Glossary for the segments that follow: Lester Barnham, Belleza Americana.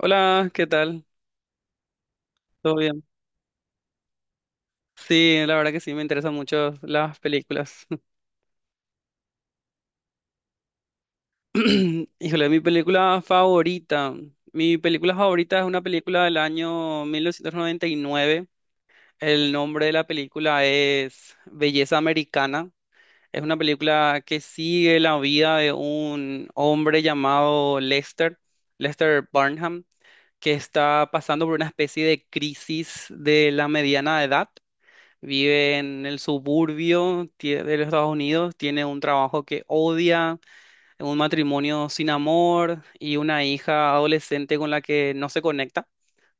Hola, ¿qué tal? ¿Todo bien? Sí, la verdad que sí, me interesan mucho las películas. Híjole, mi película favorita. Mi película favorita es una película del año 1999. El nombre de la película es Belleza Americana. Es una película que sigue la vida de un hombre llamado Lester, Lester Barnham, que está pasando por una especie de crisis de la mediana edad, vive en el suburbio de los Estados Unidos, tiene un trabajo que odia, un matrimonio sin amor y una hija adolescente con la que no se conecta.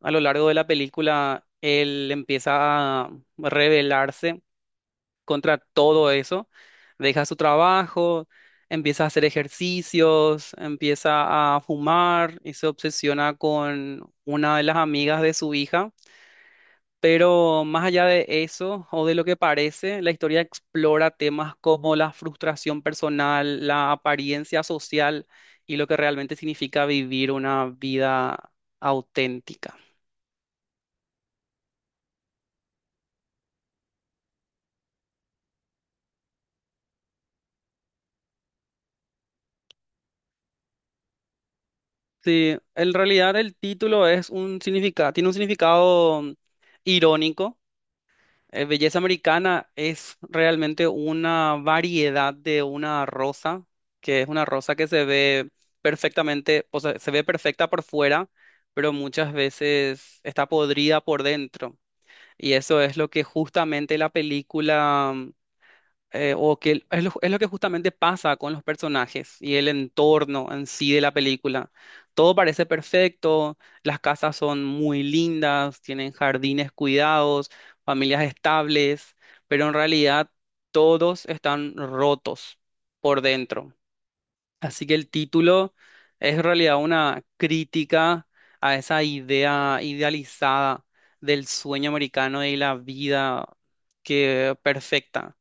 A lo largo de la película, él empieza a rebelarse contra todo eso, deja su trabajo, empieza a hacer ejercicios, empieza a fumar y se obsesiona con una de las amigas de su hija, pero más allá de eso, o de lo que parece, la historia explora temas como la frustración personal, la apariencia social y lo que realmente significa vivir una vida auténtica. Sí, en realidad el título es un significado, tiene un significado irónico. Belleza americana es realmente una variedad de una rosa, que es una rosa que se ve perfectamente, o sea, se ve perfecta por fuera, pero muchas veces está podrida por dentro. Y eso es lo que justamente la película, o que el- es lo que justamente pasa con los personajes y el entorno en sí de la película. Todo parece perfecto, las casas son muy lindas, tienen jardines cuidados, familias estables, pero en realidad todos están rotos por dentro. Así que el título es en realidad una crítica a esa idea idealizada del sueño americano y la vida que perfecta.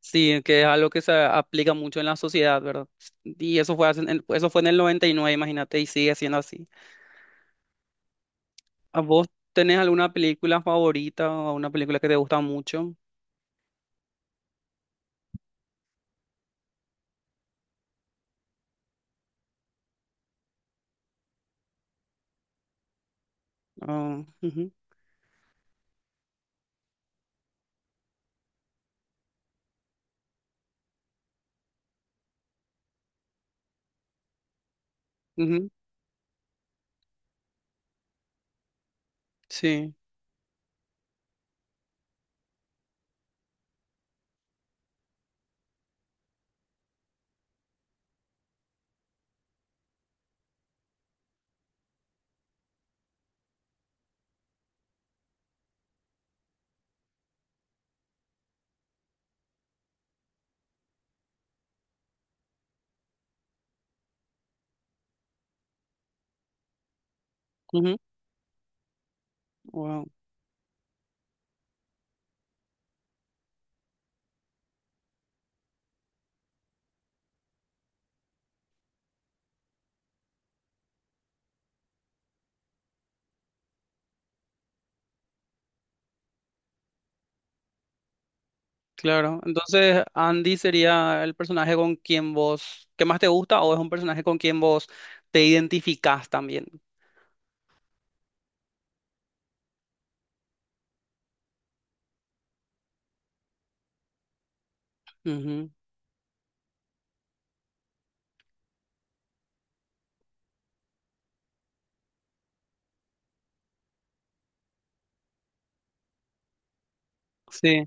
Sí, que es algo que se aplica mucho en la sociedad, ¿verdad? Y eso fue, eso fue en el 99, imagínate, y sigue siendo así. ¿A vos tenés alguna película favorita o una película que te gusta mucho? Ah, ujú, ujú, sí. Ujú, wow, claro. Entonces, Andy sería el personaje con quien vos, ¿qué más te gusta o es un personaje con quien vos te identificás también? Ujú, sí,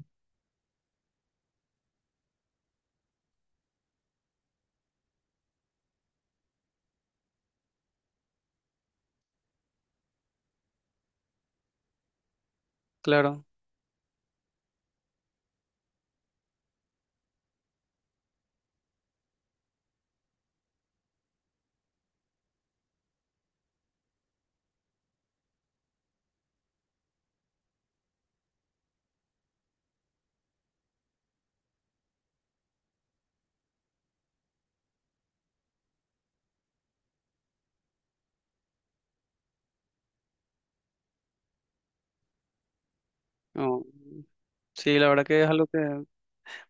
claro. Oh, sí, la verdad que es algo que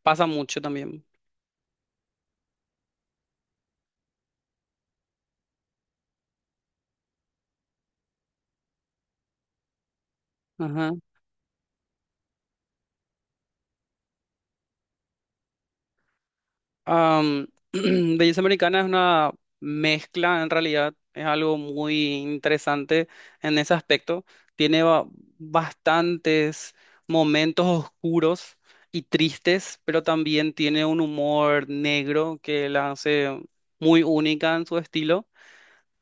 pasa mucho también. Ajá. Belleza Americana es una mezcla, en realidad, es algo muy interesante en ese aspecto. Tiene bastantes momentos oscuros y tristes, pero también tiene un humor negro que la hace muy única en su estilo.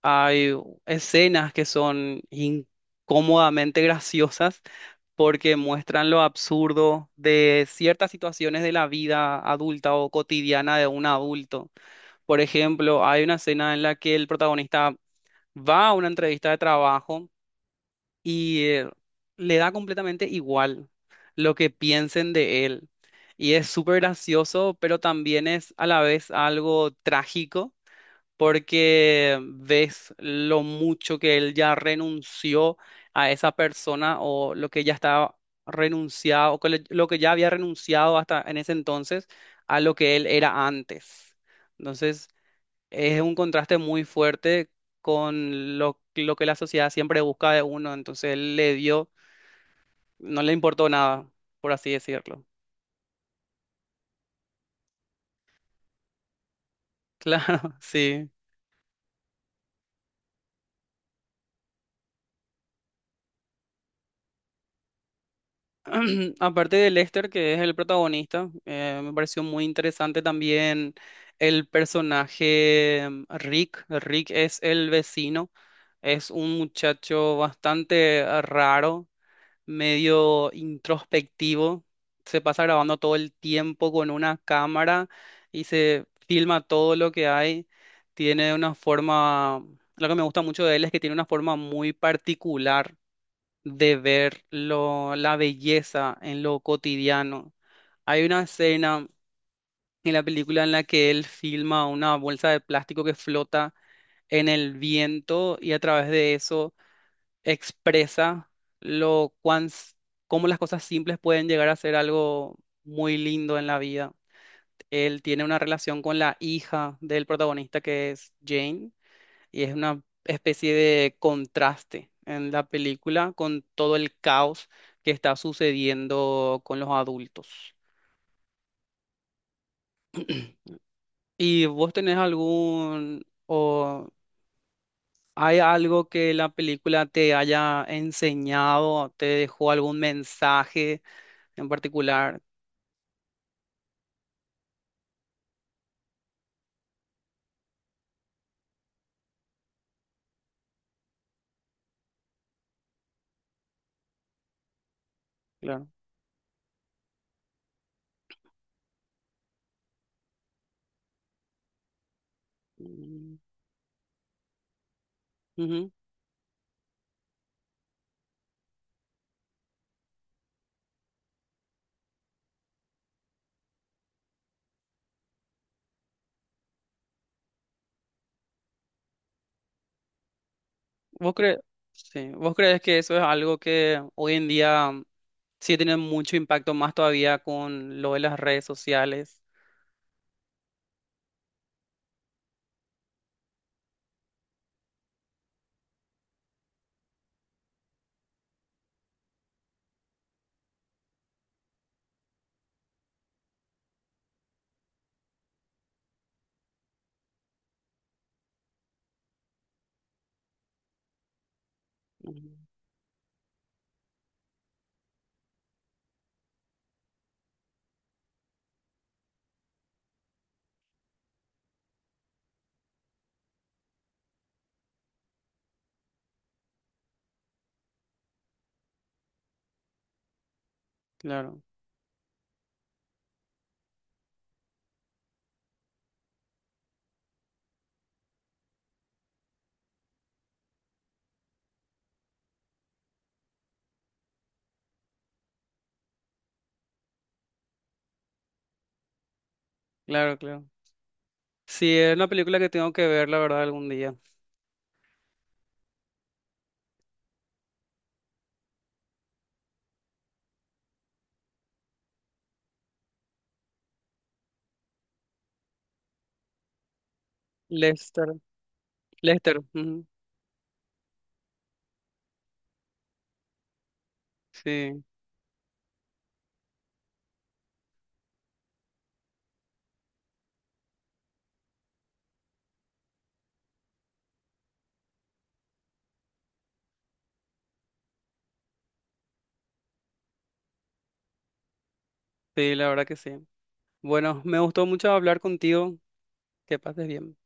Hay escenas que son incómodamente graciosas porque muestran lo absurdo de ciertas situaciones de la vida adulta o cotidiana de un adulto. Por ejemplo, hay una escena en la que el protagonista va a una entrevista de trabajo y le da completamente igual lo que piensen de él. Y es súper gracioso, pero también es a la vez algo trágico porque ves lo mucho que él ya renunció a esa persona o lo que ya estaba renunciado, lo que ya había renunciado hasta en ese entonces a lo que él era antes. Entonces, es un contraste muy fuerte con lo que la sociedad siempre busca de uno. Entonces, él le dio, no le importó nada, por así decirlo. Claro, sí. Aparte de Lester, que es el protagonista, me pareció muy interesante también el personaje Rick. Rick es el vecino, es un muchacho bastante raro, medio introspectivo, se pasa grabando todo el tiempo con una cámara y se filma todo lo que hay. Tiene una forma, lo que me gusta mucho de él es que tiene una forma muy particular de ver la belleza en lo cotidiano. Hay una escena en la película en la que él filma una bolsa de plástico que flota en el viento y a través de eso expresa lo cuán, s- cómo las cosas simples pueden llegar a ser algo muy lindo en la vida. Él tiene una relación con la hija del protagonista, que es Jane, y es una especie de contraste en la película con todo el caos que está sucediendo con los adultos. ¿Y vos tenés algún o hay algo que la película te haya enseñado, te dejó algún mensaje en particular? Claro. Mm, ujú. ¿Vos crees, sí, vos crees que eso es algo que hoy en día sí tiene mucho impacto más todavía con lo de las redes sociales? Claro, claro, claro. Sí, es una película que tengo que ver, la verdad, algún día. Lester, Lester, ujú. Sí, sí, la verdad que sí. Bueno, me gustó mucho hablar contigo. Que pases bien.